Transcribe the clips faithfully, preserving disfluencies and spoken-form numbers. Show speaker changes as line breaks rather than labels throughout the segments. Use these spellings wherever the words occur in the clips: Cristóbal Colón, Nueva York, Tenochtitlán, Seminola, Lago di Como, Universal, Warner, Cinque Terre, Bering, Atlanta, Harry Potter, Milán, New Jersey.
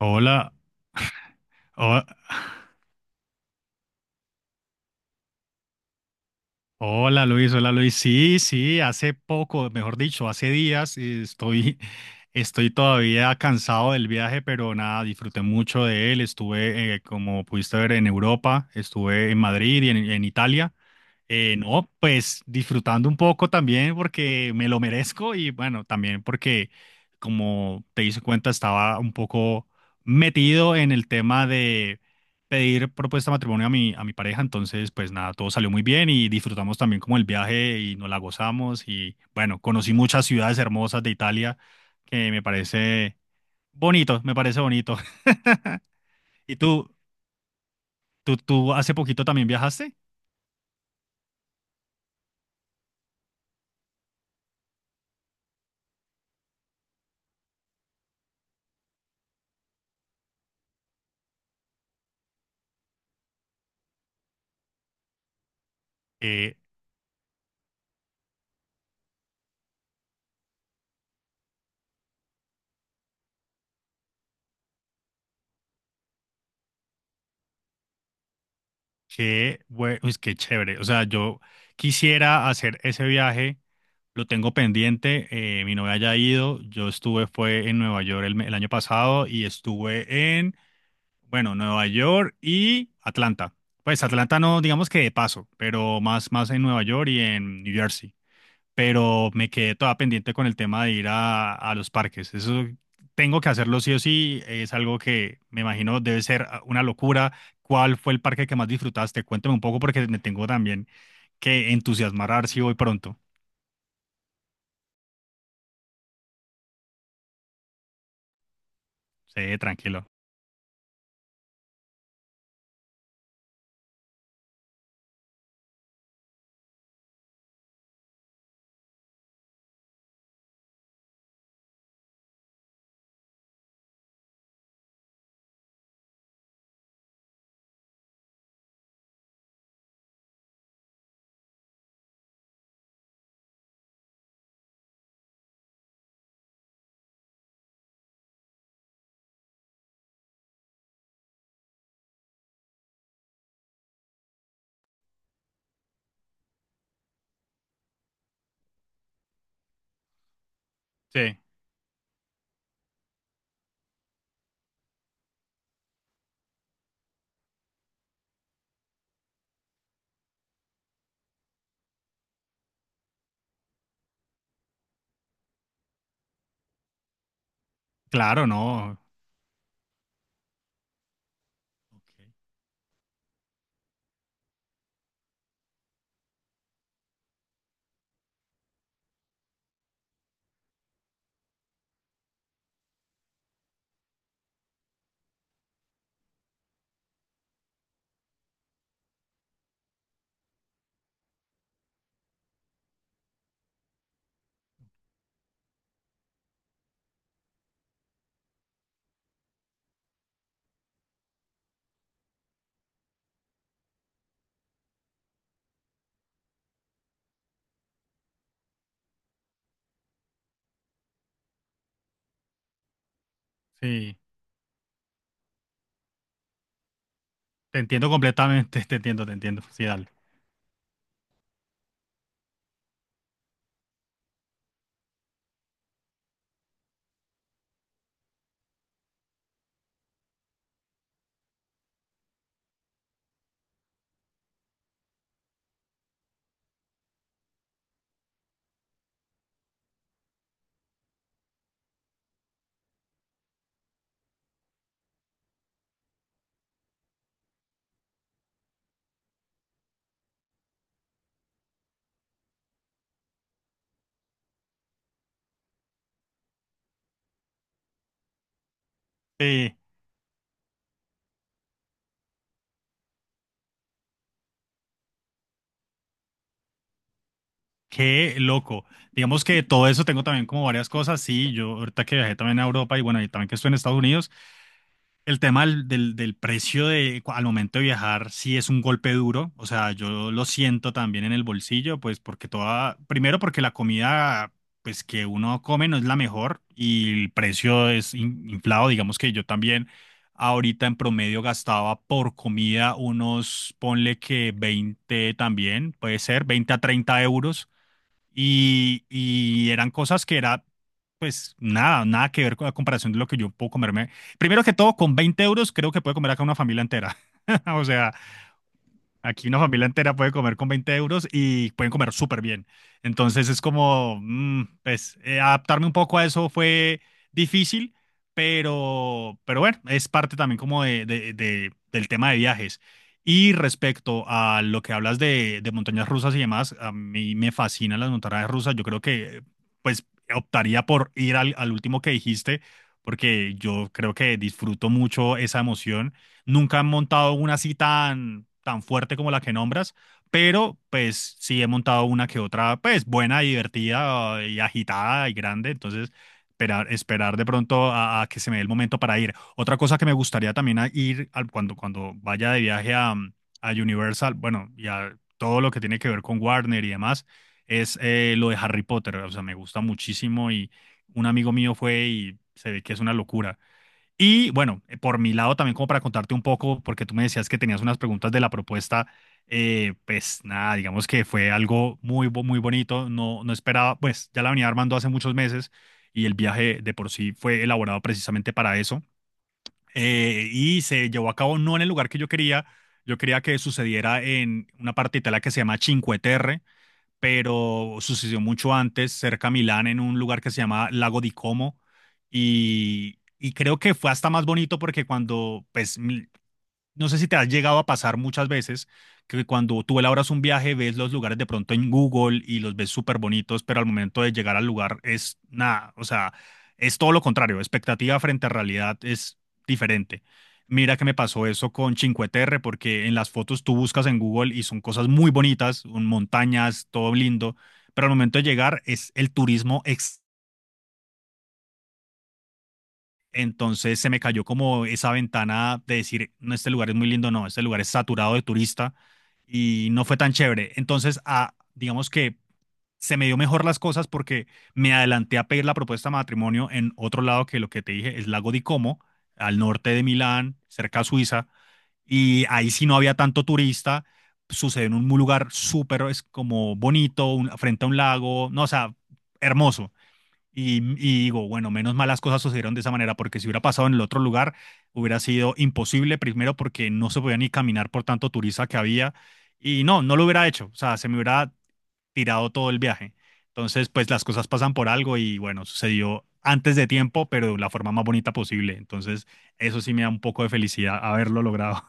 Hola, ho- hola Luis, hola Luis. Sí, sí, hace poco, mejor dicho, hace días eh, estoy, estoy todavía cansado del viaje, pero nada, disfruté mucho de él. Estuve, eh, como pudiste ver, en Europa, estuve en Madrid y en, en Italia. Eh, no, pues disfrutando un poco también porque me lo merezco y bueno, también porque como te hice cuenta estaba un poco metido en el tema de pedir propuesta de matrimonio a mi, a mi pareja, entonces pues nada, todo salió muy bien y disfrutamos también como el viaje y nos la gozamos y bueno, conocí muchas ciudades hermosas de Italia que me parece bonito, me parece bonito. ¿Y tú, tú, tú hace poquito también viajaste? Eh, Qué, bue- pues qué chévere. O sea, yo quisiera hacer ese viaje, lo tengo pendiente, eh, mi novia ya ha ido, yo estuve, fue en Nueva York el, me- el año pasado y estuve en, bueno, Nueva York y Atlanta. Pues Atlanta no, digamos que de paso, pero más, más en Nueva York y en New Jersey, pero me quedé toda pendiente con el tema de ir a, a los parques. Eso tengo que hacerlo sí o sí, es algo que me imagino debe ser ah, una locura. ¿Cuál fue el parque que más disfrutaste? Cuéntame un poco porque me tengo también que entusiasmar a ver si voy pronto. Sí, tranquilo. Sí, claro, no. Ok. Sí, te entiendo completamente, te entiendo, te entiendo. Sí, dale. Sí, qué loco. Digamos que todo eso tengo también como varias cosas. Sí, yo ahorita que viajé también a Europa y bueno, y también que estoy en Estados Unidos. El tema del, del- del precio de, cu- al momento de viajar sí es un golpe duro, o sea, yo lo siento también en el bolsillo, pues porque toda, primero porque la comida, pues que uno come no es la mejor y el precio es in- inflado, digamos que yo también ahorita en promedio gastaba por comida unos, ponle que veinte también, puede ser, veinte a treinta euros y, y eran cosas que era, pues nada, nada que ver con la comparación de lo que yo puedo comerme. Primero que todo, con veinte euros creo que puede comer acá una familia entera. O sea, aquí una familia entera puede comer con veinte euros y pueden comer súper bien. Entonces es como, mm, pues, eh, adaptarme un poco a eso fue difícil, pero, pero bueno, es parte también como de, de- de- del tema de viajes. Y respecto a lo que hablas de, de montañas rusas y demás, a mí me fascinan las montañas rusas. Yo creo que, pues, optaría por ir al, al último que dijiste, porque yo creo que disfruto mucho esa emoción. Nunca han montado una así tan, tan fuerte como la que nombras, pero pues sí he montado una que otra, pues buena, divertida eh, y agitada y grande, entonces esperar, esperar de pronto a, a que se me dé el momento para ir. Otra cosa que me gustaría también a ir al, cuando, cuando vaya de viaje a, a Universal, bueno, y a todo lo que tiene que ver con Warner y demás, es eh, lo de Harry Potter, o sea, me gusta muchísimo y un amigo mío fue y se ve que es una locura. Y bueno, eh, por mi lado también como para contarte un poco, porque tú me decías que tenías unas preguntas de la propuesta, eh, pues nada, digamos que fue algo muy, bo- muy bonito, no, no esperaba, pues ya la venía armando hace muchos meses y el viaje de por sí fue elaborado precisamente para eso. Eh, y se llevó a cabo no en el lugar que yo quería, yo quería que sucediera en una parte de Italia que se llama Cinque Terre, pero sucedió mucho antes, cerca a Milán, en un lugar que se llama Lago di Como. Y, y creo que fue hasta más bonito porque cuando pues, mi- no sé si te has llegado a pasar muchas veces que cuando tú elaboras un viaje ves los lugares de pronto en Google y los ves súper bonitos, pero al momento de llegar al lugar es nada, o sea, es todo lo contrario, expectativa frente a realidad es diferente. Mira que me pasó eso con Cinque Terre, porque en las fotos tú buscas en Google y son cosas muy bonitas, un- montañas, todo lindo, pero al momento de llegar es el turismo extremo. Entonces se me cayó como esa ventana de decir, no, este lugar es muy lindo, no, este lugar es saturado de turista y no fue tan chévere. Entonces, a, digamos que se me dio mejor las cosas porque me adelanté a pedir la propuesta de matrimonio en otro lado que lo que te dije es Lago di Como, al norte de Milán, cerca a Suiza, y ahí sí no había tanto turista, sucedió en un lugar súper, es como bonito, un- frente a un lago, no, o sea, hermoso. Y, y digo, bueno, menos mal las cosas sucedieron de esa manera, porque si hubiera pasado en el otro lugar, hubiera sido imposible, primero porque no se podía ni caminar por tanto turista que había, y no, no lo hubiera hecho, o sea, se me hubiera tirado todo el viaje. Entonces, pues las cosas pasan por algo y bueno, sucedió antes de tiempo, pero de la forma más bonita posible. Entonces, eso sí me da un poco de felicidad haberlo logrado.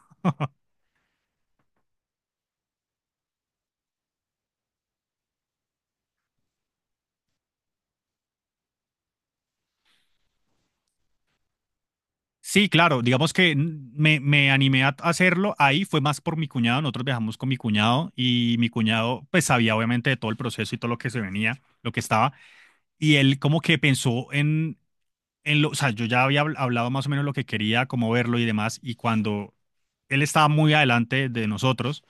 Sí, claro, digamos que n- me, me animé a hacerlo, ahí fue más por mi cuñado, nosotros viajamos con mi cuñado y mi cuñado pues sabía obviamente de todo el proceso y todo lo que se venía, lo que estaba, y él como que pensó en, en lo, o sea, yo ya había habl- hablado más o menos lo que quería, cómo verlo y demás, y cuando él estaba muy adelante de nosotros,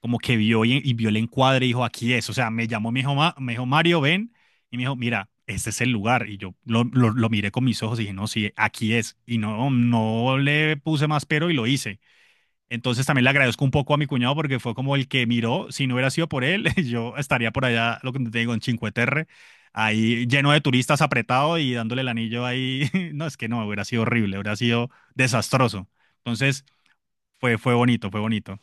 como que vio y, y vio el encuadre y dijo, aquí es. O sea, me llamó, me dijo, "Ma- me dijo, Mario, ven. Y me dijo, mira, este es el lugar. Y yo lo, lo, lo miré con mis ojos y dije, no, sí, aquí es. Y no, no le puse más pero y lo hice. Entonces también le agradezco un poco a mi cuñado porque fue como el que miró. Si no hubiera sido por él, yo estaría por allá, lo que te digo, en Cinque Terre, ahí lleno de turistas apretado y dándole el anillo ahí. No, es que no, hubiera sido horrible, hubiera sido desastroso. Entonces fue, fue bonito, fue bonito.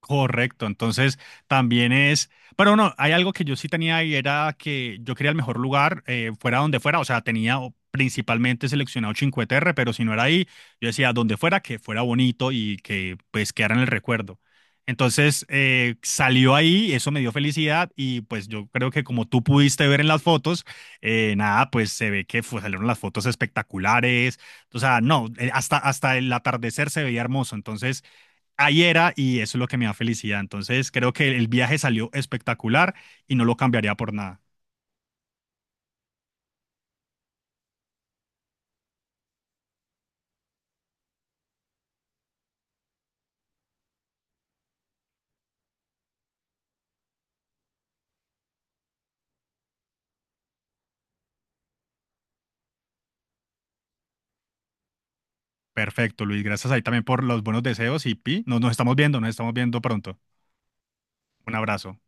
Correcto, entonces también es, pero no, hay algo que yo sí tenía y era que yo quería el mejor lugar, eh, fuera donde fuera, o sea, tenía o- principalmente seleccionado Cinque Terre, pero si no era ahí, yo decía donde fuera, que fuera bonito y que pues quedara en el recuerdo. Entonces eh, salió ahí, eso me dio felicidad y pues yo creo que como tú pudiste ver en las fotos, eh, nada, pues se ve que fue- salieron las fotos espectaculares, o sea, no, eh, hasta, hasta el atardecer se veía hermoso, entonces ahí era y eso es lo que me da felicidad. Entonces creo que el viaje salió espectacular y no lo cambiaría por nada. Perfecto, Luis. Gracias ahí también por los buenos deseos y Pi, nos, nos estamos viendo, nos estamos viendo pronto. Un abrazo.